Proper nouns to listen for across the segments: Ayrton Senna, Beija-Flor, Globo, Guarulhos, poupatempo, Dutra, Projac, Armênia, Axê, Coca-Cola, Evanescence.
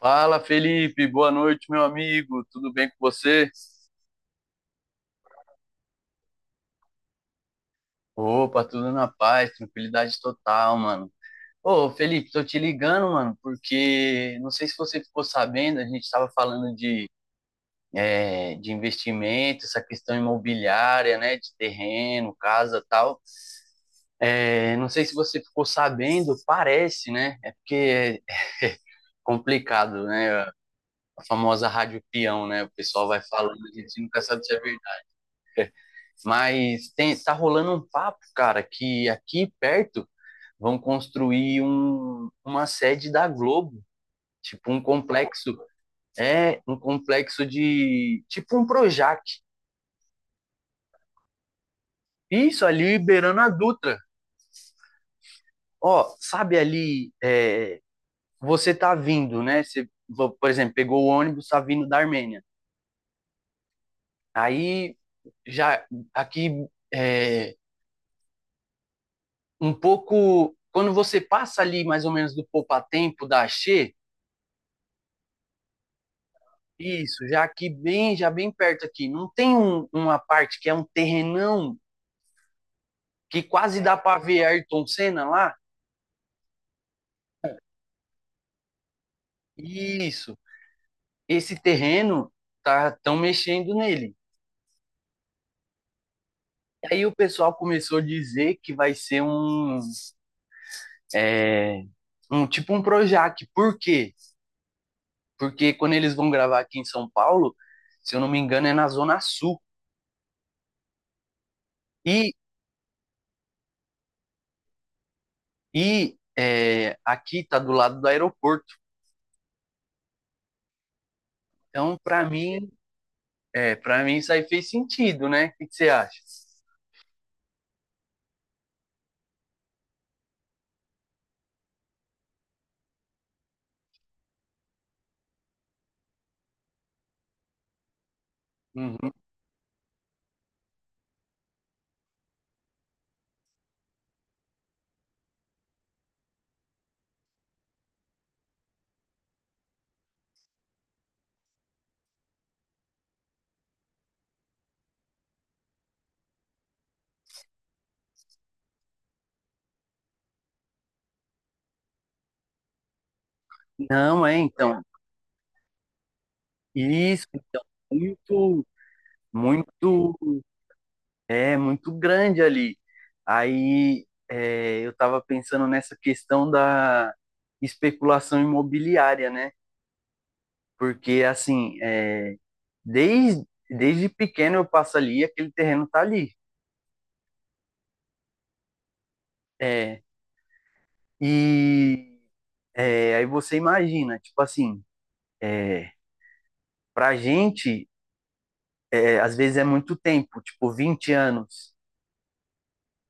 Fala, Felipe, boa noite, meu amigo. Tudo bem com você? Opa, tudo na paz, tranquilidade total, mano. Ô, Felipe, tô te ligando, mano, porque não sei se você ficou sabendo, a gente estava falando de investimento, essa questão imobiliária, né, de terreno, casa, tal. É, não sei se você ficou sabendo, parece, né? É porque é complicado, né? A famosa rádio peão, né? O pessoal vai falando, a gente nunca sabe se é verdade. Mas tem, tá rolando um papo, cara, que aqui perto vão construir uma sede da Globo, tipo um complexo, é um complexo de tipo um Projac. Isso ali beirando a Dutra. Ó, sabe ali, você tá vindo, né? Você, por exemplo, pegou o ônibus, tá vindo da Armênia. Aí já aqui é, um pouco quando você passa ali mais ou menos do poupatempo da Axê. Isso, já aqui bem, já bem perto aqui. Não tem uma parte que é um terrenão que quase dá para ver Ayrton Senna lá? Isso. Esse terreno tá tão mexendo nele. E aí o pessoal começou a dizer que vai ser é, um tipo um Projac. Por quê? Porque quando eles vão gravar aqui em São Paulo, se eu não me engano, é na Zona Sul. E aqui tá do lado do aeroporto. Então, para mim isso aí fez sentido, né? O que que você acha? Uhum. Não, é, então. Isso, então, muito, muito, muito grande ali. Aí, eu estava pensando nessa questão da especulação imobiliária, né? Porque, assim, é, desde pequeno eu passo ali e aquele terreno tá ali. É, e aí você imagina, tipo assim, é, pra gente. É, às vezes é muito tempo, tipo 20 anos.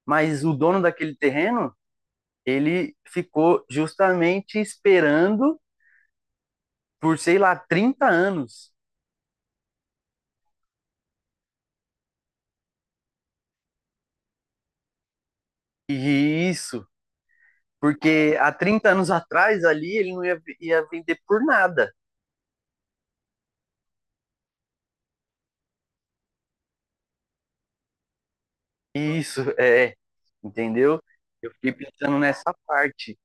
Mas o dono daquele terreno, ele ficou justamente esperando por, sei lá, 30 anos. E isso, porque há 30 anos atrás ali ele não ia, ia vender por nada. E isso, é, entendeu? Eu fiquei pensando nessa parte,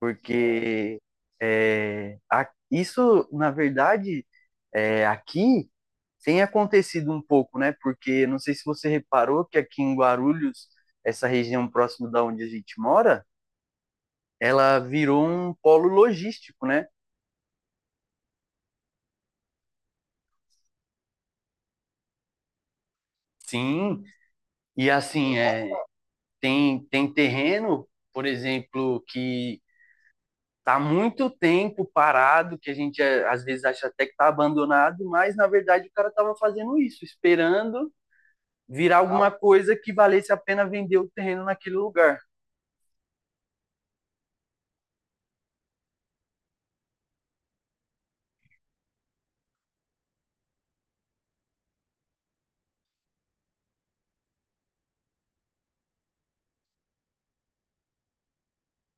porque é, isso, na verdade, é, aqui tem acontecido um pouco, né? Porque não sei se você reparou que aqui em Guarulhos, essa região próxima da onde a gente mora, ela virou um polo logístico, né? Sim, e assim, é, tem terreno, por exemplo, que tá muito tempo parado, que a gente é, às vezes acha até que tá abandonado, mas na verdade o cara tava fazendo isso, esperando virar alguma coisa que valesse a pena vender o terreno naquele lugar.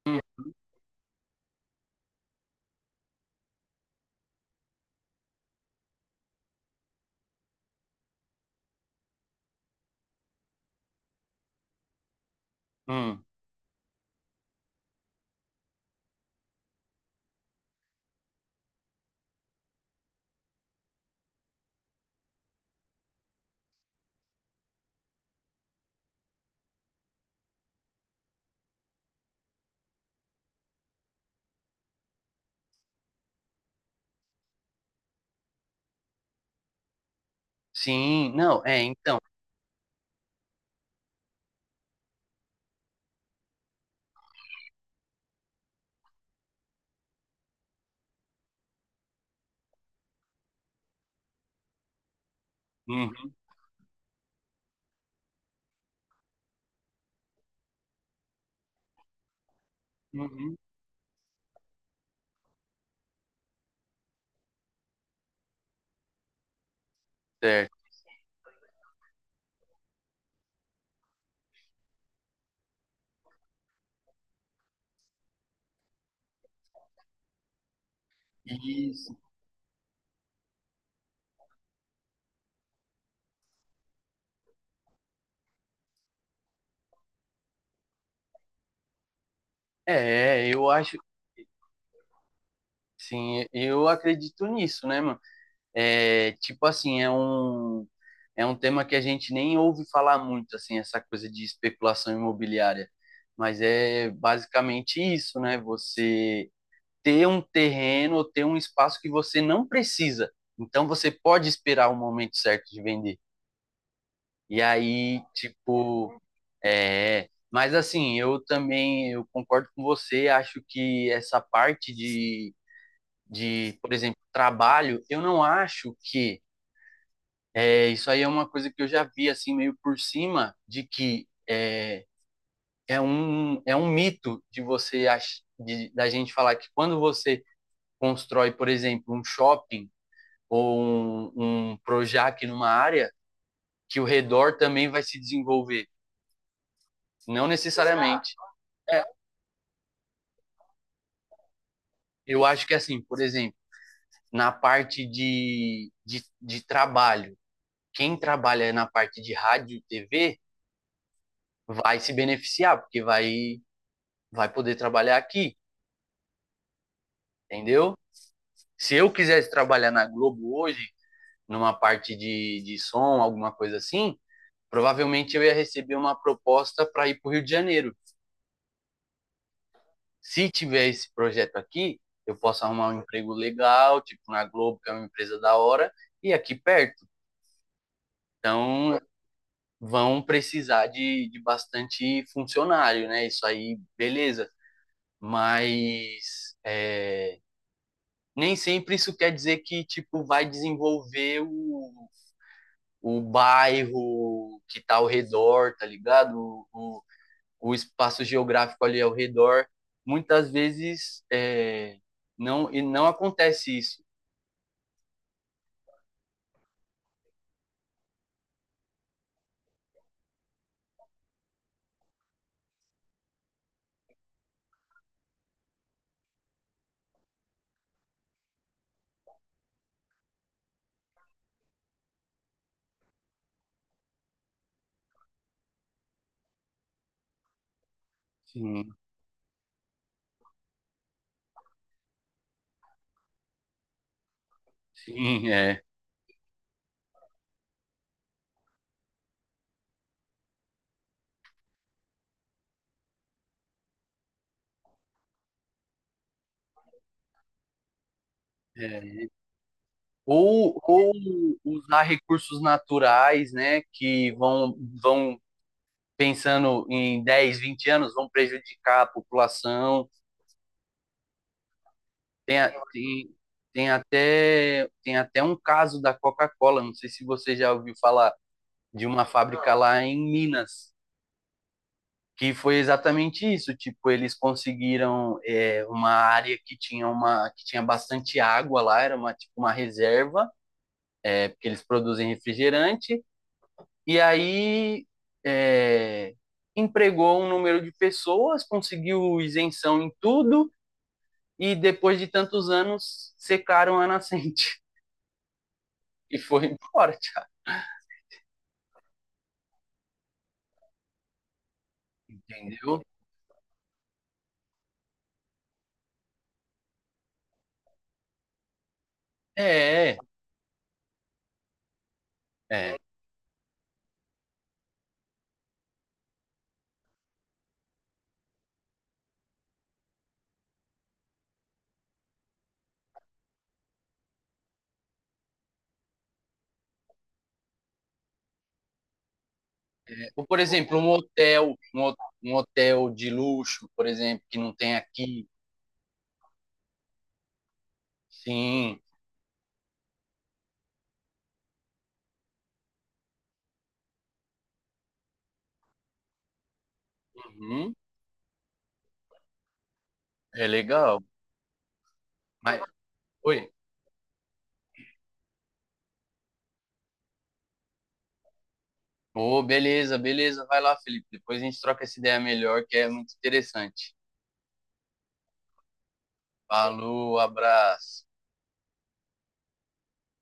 Hum, hum. Sim, não, é, então. Uhum, uhum, certo. Isso. É, eu acho, sim, eu acredito nisso, né, mano? É, tipo assim, é um tema que a gente nem ouve falar muito, assim, essa coisa de especulação imobiliária. Mas é basicamente isso, né? Você ter um terreno ou ter um espaço que você não precisa. Então você pode esperar o momento certo de vender. E aí, tipo, é, mas assim, eu também eu concordo com você, acho que essa parte de por exemplo, trabalho, eu não acho que é, isso aí é uma coisa que eu já vi assim meio por cima de que é, é um mito de você da gente falar que quando você constrói, por exemplo, um shopping ou um Projac numa área, que o redor também vai se desenvolver. Não necessariamente. É, eu acho que, assim, por exemplo, na parte de trabalho, quem trabalha na parte de rádio e TV vai se beneficiar, porque vai poder trabalhar aqui, entendeu? Se eu quisesse trabalhar na Globo hoje, numa parte de som, alguma coisa assim, provavelmente eu ia receber uma proposta para ir para o Rio de Janeiro. Se tiver esse projeto aqui, eu posso arrumar um emprego legal, tipo na Globo, que é uma empresa da hora, e aqui perto. Então, vão precisar de bastante funcionário, né? Isso aí, beleza. Mas é, nem sempre isso quer dizer que, tipo, vai desenvolver o, bairro que tá ao redor, tá ligado? O, o, o espaço geográfico ali ao redor. Muitas vezes e não acontece isso. Sim. Sim, é. É. Ou usar recursos naturais, né, que vão pensando em 10, 20 anos, vão prejudicar a população. Tem, tem até um caso da Coca-Cola, não sei se você já ouviu falar de uma fábrica lá em Minas, que foi exatamente isso, tipo, eles conseguiram é, uma área que tinha uma que tinha bastante água lá, era uma tipo uma reserva, é, porque eles produzem refrigerante. E aí é, empregou um número de pessoas, conseguiu isenção em tudo e depois de tantos anos secaram a nascente e foi embora, já, entendeu? É, é. Ou, por exemplo, um hotel, um hotel de luxo, por exemplo, que não tem aqui. Sim, uhum, é legal. Mas, oi. Ô, beleza, beleza. Vai lá, Felipe. Depois a gente troca essa ideia melhor, que é muito interessante. Falou, abraço.